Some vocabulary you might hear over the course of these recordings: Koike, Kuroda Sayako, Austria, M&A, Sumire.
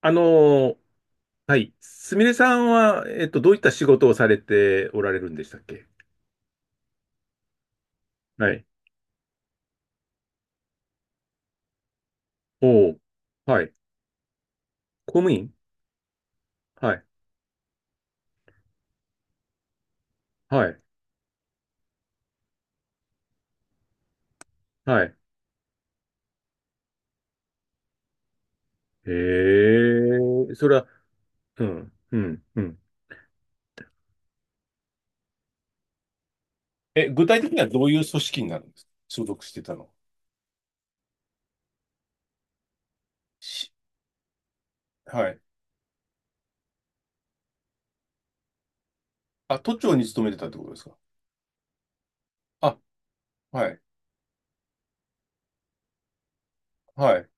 あのーはい。すみれさんは、どういった仕事をされておられるんでしたっけ？はい。おーはい。公務員。はい。はい。はい。へえ、それは、うん、うん、うん。え、具体的にはどういう組織になるんですか？所属してたの？し、はい。あ、都庁に勤めてたってことですか？あ、はい。はい。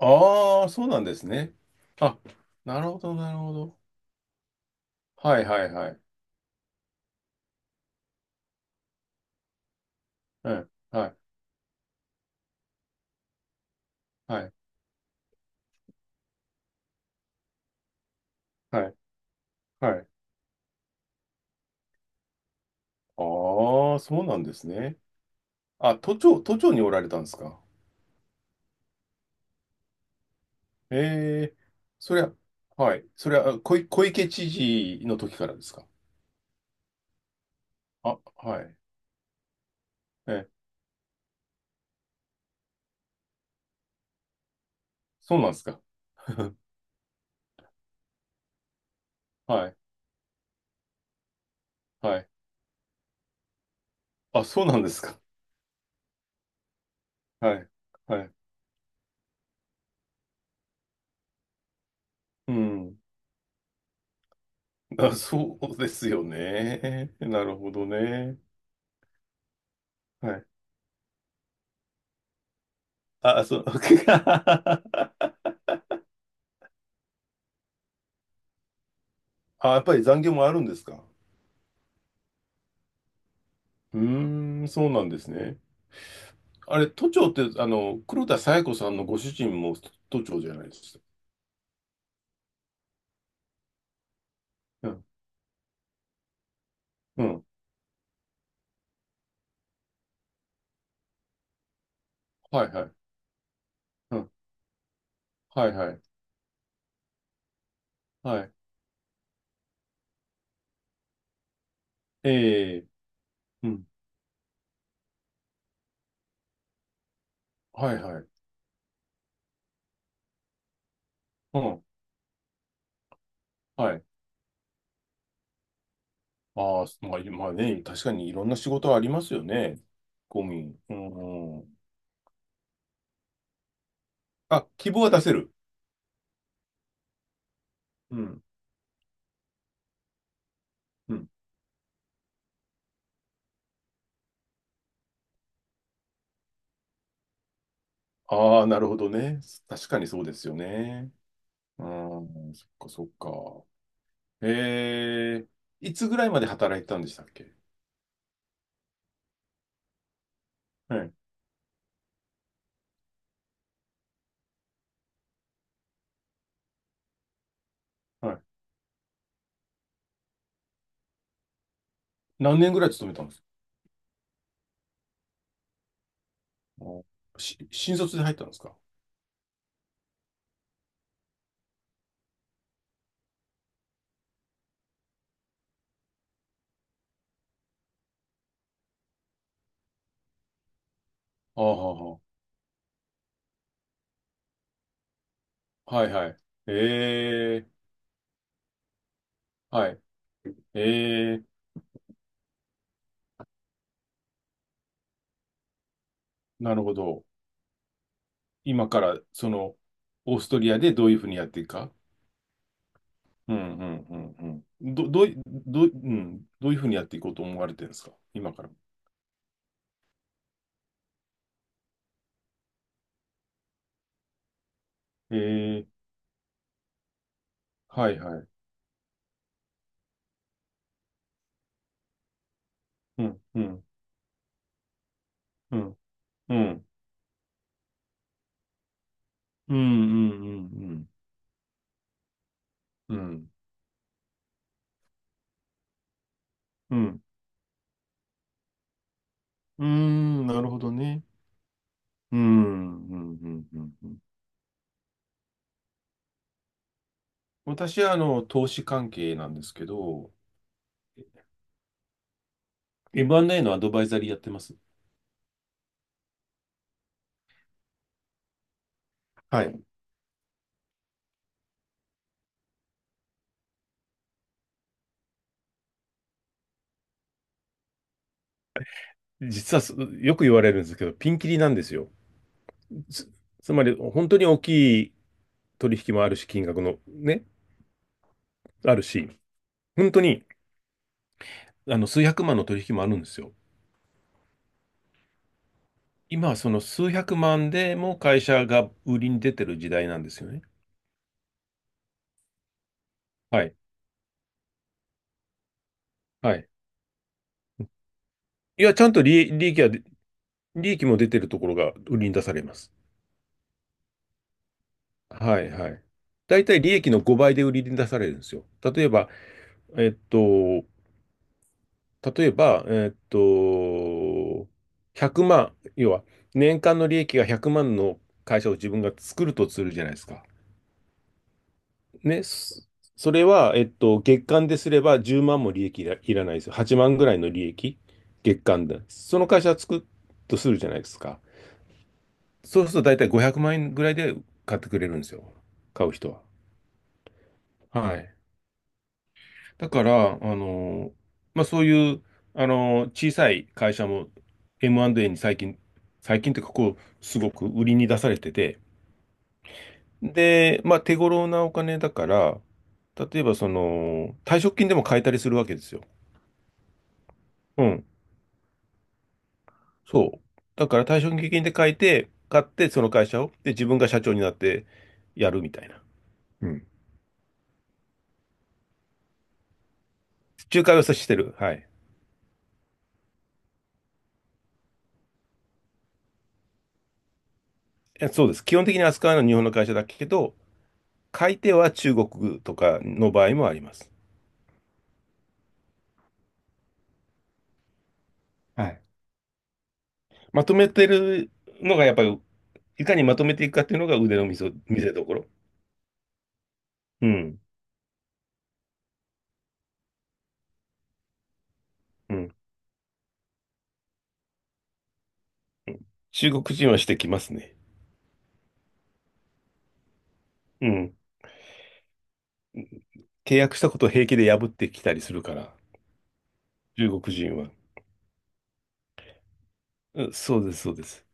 ああ、そうなんですね。あ、なるほど、なるほど。はい、はい、はい。うん、はい、はい、はい、はい。ああ、そうなんですね。あ、都庁におられたんですか？ええ、そりゃ、はい。それはあ小池知事の時からですか？あ、はい。ええ、そうなんですか。はい、はい。あ、そうなんですか。はい、はい。うん。あ、そうですよね。なるほどね。はい。あ、そう、あ、やっぱり残業もあるんですか？うーん、そうなんですね。あれ、都庁って、黒田清子さんのご主人も都庁じゃないですか。うん、うん、はい、はい、うん、はい、はい、はい、ええ、うん、はい、はい、うん、はい。ああ、まあ、まあね、確かにいろんな仕事はありますよね。公務員。うん、うん。あ、希望は出せる。うん、うん。ああ、なるほどね。確かにそうですよね。うん、そっかそっか。ええ、いつぐらいまで働いてたんでしたっけ？はい、はい。何年ぐらい勤めたんです？あ、新卒で入ったんですか？ああ、はあはあ、はい、はい。ええ、はい。ええ、なるほど。今から、その、オーストリアでどういうふうにやっていくか？うん、うん、うん、うん。どうい、うん、どういうふうにやっていこうと思われてるんですか、今から？ええ、はい、はい。うん、うん、うん、うん、うん、うん、うん、うん、うん、うん、うん、なるほどね。うん、うん、うん、うん。うん。私は、投資関係なんですけど、M&A のアドバイザリーやってます。はい。実はよく言われるんですけど、ピンキリなんですよ。つ、つまり、本当に大きい取引もあるし、金額のね、あるし、本当に数百万の取引もあるんですよ。今はその数百万でも会社が売りに出てる時代なんですよね。はい。はい。いや、ちゃんと利益も出てるところが売りに出されます。はい、はい。大体利益の5倍で売りに出されるんですよ。例えば、えっと、例えば、えーっと、100万、要は年間の利益が100万の会社を自分が作るとするじゃないですか。ね、それは、月間ですれば10万も利益いらないですよ。8万ぐらいの利益、月間で。その会社を作るとするじゃないですか。そうすると大体500万円ぐらいで買ってくれるんですよ。買う人は。はい。だから、そういう、小さい会社も M&A に最近、最近っていうか、すごく売りに出されてて、で、まあ、手頃なお金だから、例えば、その、退職金でも買えたりするわけですよ。うん。そう。だから退職金で買えて、買って、その会社を、で、自分が社長になってやるみたいな。うん。仲介をさしてる。はい。え、そうです。基本的に扱うのは日本の会社だけど、買い手は中国とかの場合もあります。はい。まとめてるのがやっぱり、いかにまとめていくかっていうのが腕の見せ所。うん。うん。中国人はしてきますね。うん。契約したことを平気で破ってきたりするから、中国人は。うん、そうです、そうです。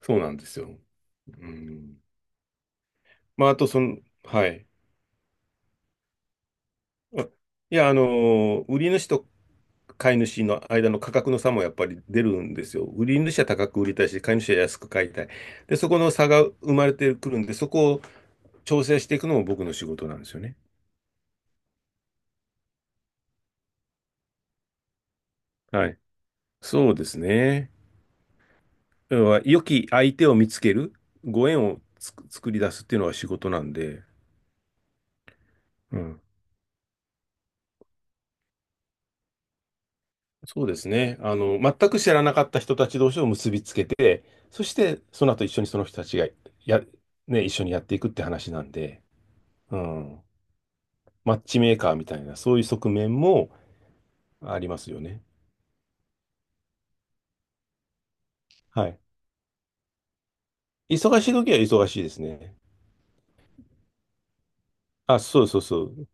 そうなんですよ。うん。まあ、あと、その、はい。あ、いや、売り主と買い主の間の価格の差もやっぱり出るんですよ。売り主は高く売りたいし、買い主は安く買いたい。で、そこの差が生まれてくるんで、そこを調整していくのも僕の仕事なんですよね。はい。そうですね。要は良き相手を見つける、ご縁を作り出すっていうのが仕事なんで、うん。そうですね。全く知らなかった人たち同士を結びつけて、そしてその後一緒にその人たちがや、ね、一緒にやっていくって話なんで、うん。マッチメーカーみたいな、そういう側面もありますよね。はい。忙しい時は忙しいですね。あ、そうそうそう。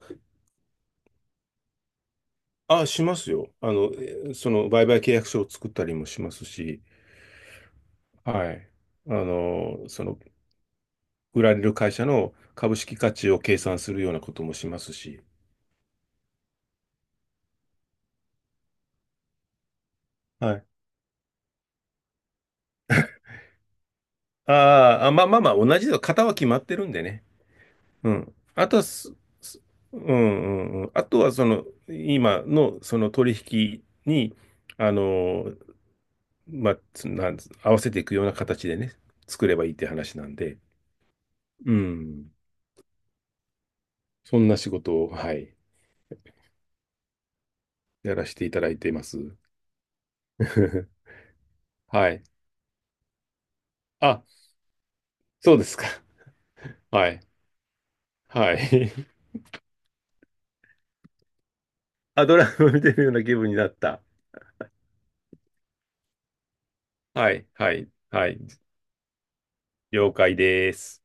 あ、しますよ。その売買契約書を作ったりもしますし、はい。あの、その、売られる会社の株式価値を計算するようなこともしますし、はい。あーあ、まあまあまあ、同じだ。型は決まってるんでね。うん。あとは、すうん、うん、うん。あとは、今のその取引に、あの、まあ、つなん合わせていくような形でね、作ればいいって話なんで、うん。そんな仕事を、はい。やらせていただいています。はい。あ、そうですか。はい。はい。あ、ドラマ見てるような気分になった。はい。はい。はい。了解です。